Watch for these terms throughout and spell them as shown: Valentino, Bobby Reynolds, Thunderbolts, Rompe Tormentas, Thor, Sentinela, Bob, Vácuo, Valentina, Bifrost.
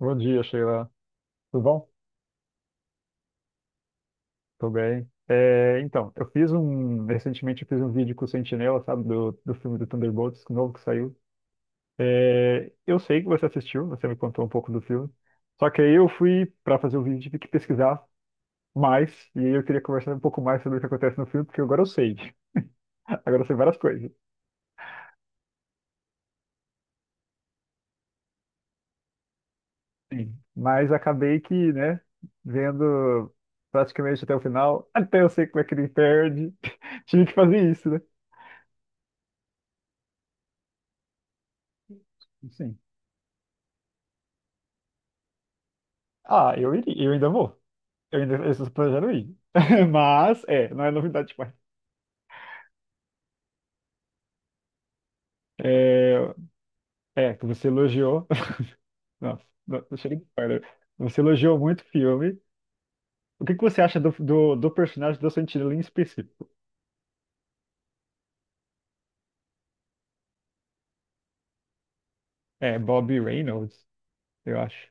Bom dia, Sheila. Tudo bom? Tudo bem. Eu fiz um. Recentemente eu fiz um vídeo com o Sentinela, sabe, do filme do Thunderbolts, novo que saiu. Eu sei que você assistiu, você me contou um pouco do filme. Só que aí eu fui para fazer o vídeo, tive que pesquisar mais, e aí eu queria conversar um pouco mais sobre o que acontece no filme, porque agora eu sei. Agora eu sei várias coisas. Sim. Mas acabei que, né, vendo praticamente até o final, até eu sei como é que ele perde. Tive que fazer isso, né? Sim. Ah, eu iria, eu ainda vou. Eu estou planejando ir. Mas, é, não é novidade demais. É, que você elogiou. Nossa, não chega de spoiler. Você elogiou muito o filme. O que que você acha do personagem do Sentinela em específico? É Bobby Reynolds, eu acho.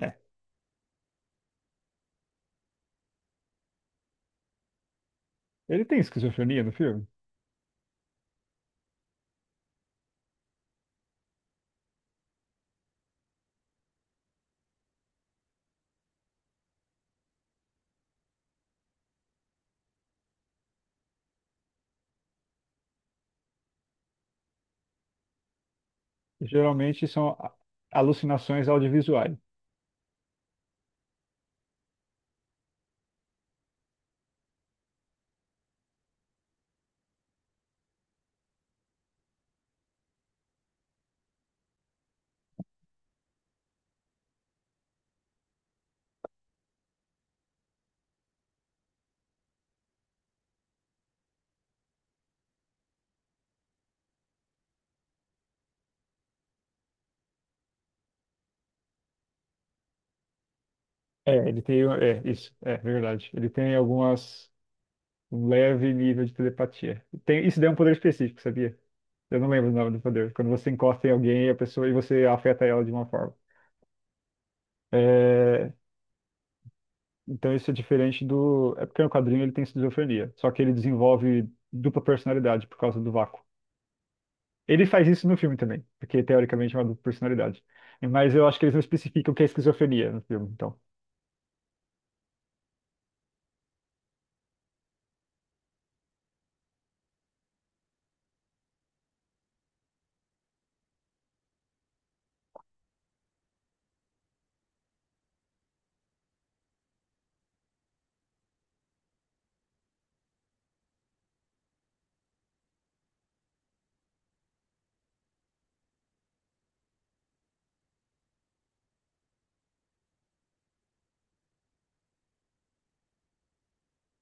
É. Ele tem esquizofrenia no filme? Geralmente são alucinações audiovisuais. É, ele tem. É, isso, é verdade. Ele tem algumas. Um leve nível de telepatia. Tem, isso daí é um poder específico, sabia? Eu não lembro o nome do poder. Quando você encosta em alguém, a pessoa e você afeta ela de uma forma. É. Então isso é diferente do. É porque no quadrinho ele tem esquizofrenia. Só que ele desenvolve dupla personalidade por causa do vácuo. Ele faz isso no filme também, porque teoricamente é uma dupla personalidade. Mas eu acho que eles não especificam o que é esquizofrenia no filme, então.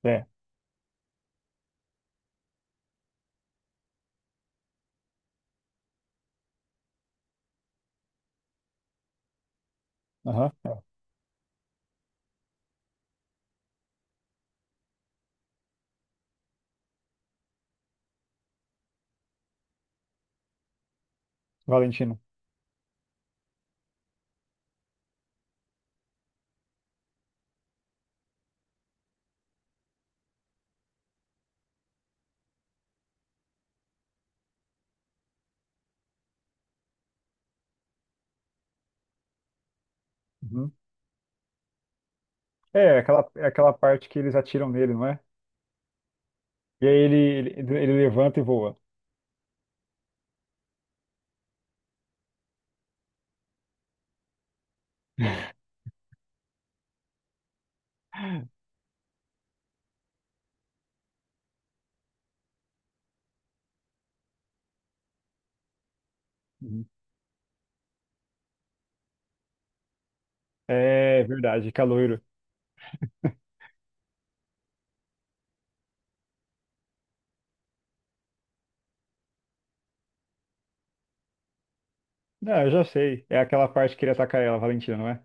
É. Aham. É. Valentino. Uhum. É aquela parte que eles atiram nele, não é? E aí ele levanta e voa. Uhum. É verdade, caloiro. Não, eu já sei. É aquela parte que ele ataca ela, Valentina, não é?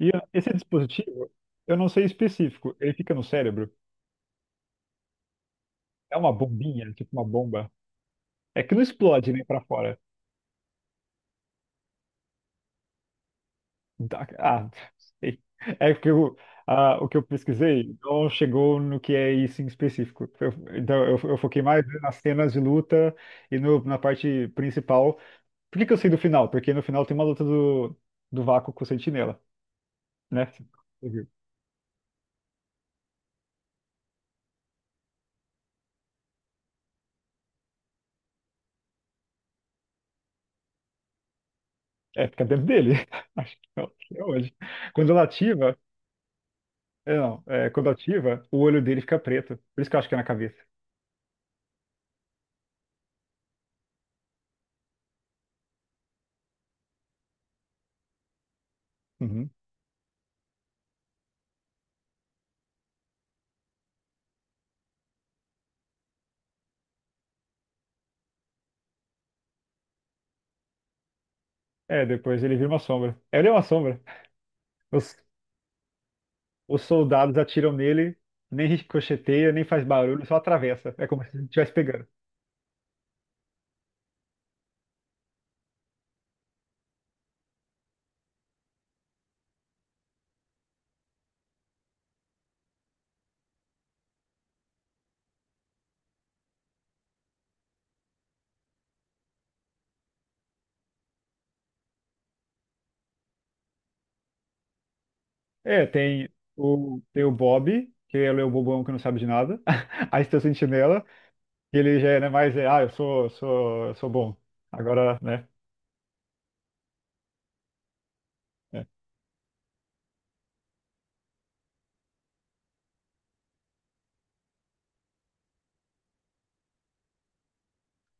E eu- esse dispositivo, eu não sei específico. Ele fica no cérebro. É uma bombinha, tipo uma bomba. É que não explode, nem pra fora. Ah, sei. É que eu, ah, o que eu pesquisei não chegou no que é isso em específico. Eu foquei mais nas cenas de luta e na parte principal. Por que que eu sei do final? Porque no final tem uma luta do Vácuo com o Sentinela, né? É, fica dentro dele. Acho que não, acho que é hoje. Quando ela ativa, é, não, é, quando ativa, o olho dele fica preto. Por isso que eu acho que é na cabeça. Uhum. É, depois ele vira uma sombra. Ele é uma sombra. Os, os soldados atiram nele, nem ricocheteia, nem faz barulho, só atravessa. É como se ele estivesse pegando. É, tem o Bob, que ele é o bobão que não sabe de nada. Aí tem o Sentinela, que ele já é, né, mais, é, ah, eu sou bom. Agora, né?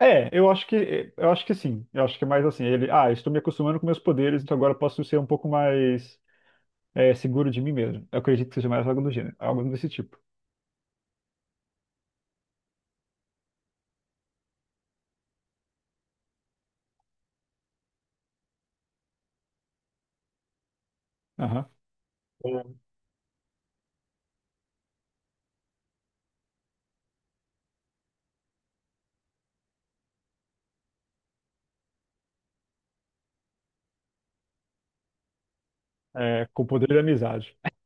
Eu acho que sim. Eu acho que é mais assim, ele, ah, estou me acostumando com meus poderes, então agora eu posso ser um pouco mais é, seguro de mim mesmo. Eu acredito que seja mais algo do gênero, algo desse tipo. Aham. Com- É, com o poder da amizade.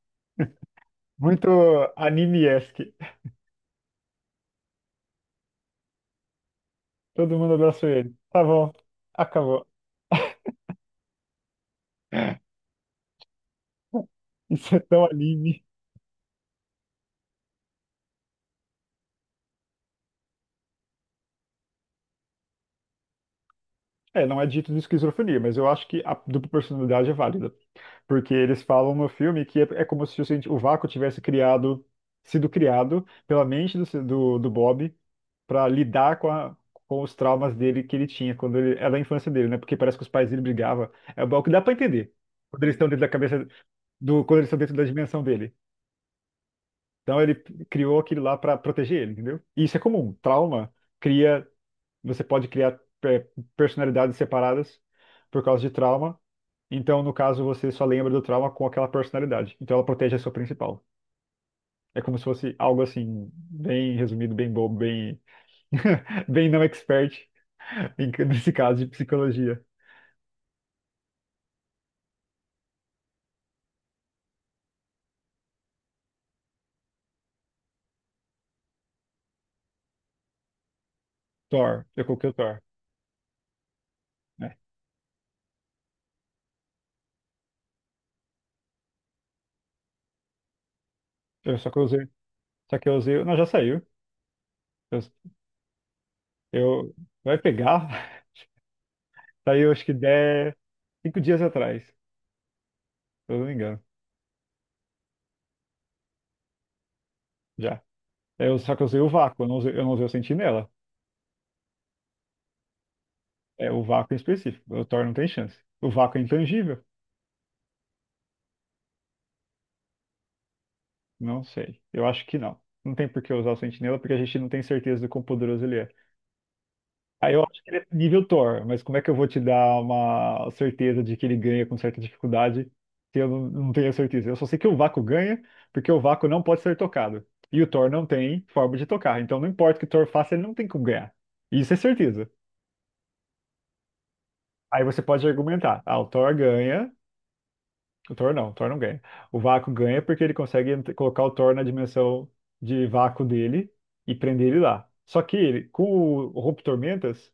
Muito anime-esque. Todo mundo abraçou ele. Tá bom, acabou. Isso é tão anime. É, não é dito de esquizofrenia, mas eu acho que a dupla personalidade é válida. Porque eles falam no filme é como se o, cienti- o vácuo tivesse criado, sido criado pela mente do, ci- do Bob para lidar com, a, com os traumas dele que ele tinha quando ele era da infância dele, né? Porque parece que os pais dele brigavam. É o que dá para entender quando eles estão dentro da cabeça do, quando eles estão dentro da dimensão dele. Então ele criou aquilo lá para proteger ele, entendeu? E isso é comum. Trauma cria você pode criar personalidades separadas por causa de trauma. Então, no caso, você só lembra do trauma com aquela personalidade. Então, ela protege a sua principal. É como se fosse algo assim, bem resumido, bem bobo, bem, bem não expert, nesse caso de psicologia. Thor, eu coloquei o Thor, né? Eu só que eu usei, só que eu usei, não, já saiu. Eu, eu- vai pegar, saiu acho que 10, cinco dias atrás, se eu não me engano, já. Eu, só que eu usei o vácuo, eu não usei o sentinela. É o vácuo em específico. O Thor não tem chance. O vácuo é intangível? Não sei. Eu acho que não. Não tem por que usar o Sentinela, porque a gente não tem certeza do quão poderoso ele é. Aí eu acho que ele é nível Thor, mas como é que eu vou te dar uma certeza de que ele ganha com certa dificuldade se eu não, não tenho a certeza? Eu só sei que o vácuo ganha, porque o vácuo não pode ser tocado. E o Thor não tem forma de tocar. Então não importa o que o Thor faça, ele não tem como ganhar. Isso é certeza. Aí você pode argumentar, ah, o Thor ganha. O Thor não ganha. O Vácuo ganha porque ele consegue ent- colocar o Thor na dimensão de vácuo dele e prender ele lá. Só que ele, com o Rompe Tormentas,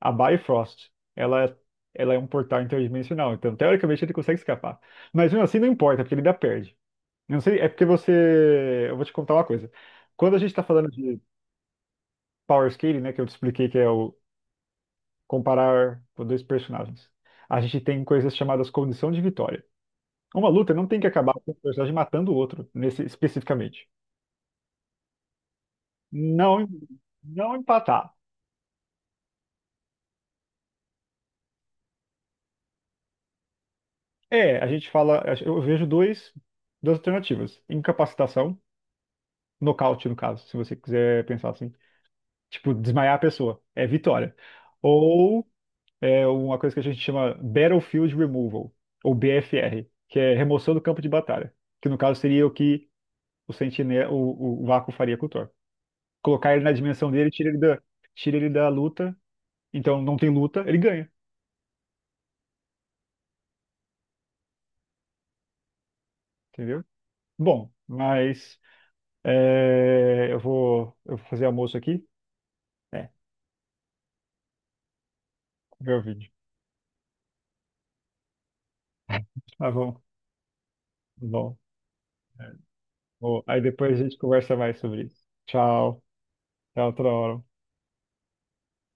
a Bifrost, ela é um portal interdimensional. Então, teoricamente, ele consegue escapar. Mas mesmo assim, não importa, porque ele ainda perde. Eu não sei, é porque você. Eu vou te contar uma coisa. Quando a gente tá falando de Power Scaling, né, que eu te expliquei que é o comparar dois personagens, a gente tem coisas chamadas condição de vitória. Uma luta não tem que acabar com um personagem matando o outro, nesse especificamente. Não, não empatar. É, a gente fala, duas alternativas. Incapacitação, nocaute no caso, se você quiser pensar assim. Tipo, desmaiar a pessoa, é vitória. Ou é uma coisa que a gente chama Battlefield Removal, ou BFR, que é remoção do campo de batalha, que no caso seria o que o Vácuo faria com o Thor. Colocar ele na dimensão dele, tira ele da luta. Então não tem luta, ele ganha, entendeu? Bom, mas eu vou fazer almoço aqui. É, ver o vídeo. Tá bom, tá bom. É, bom. Aí depois a gente conversa mais sobre isso. Tchau, até outra hora.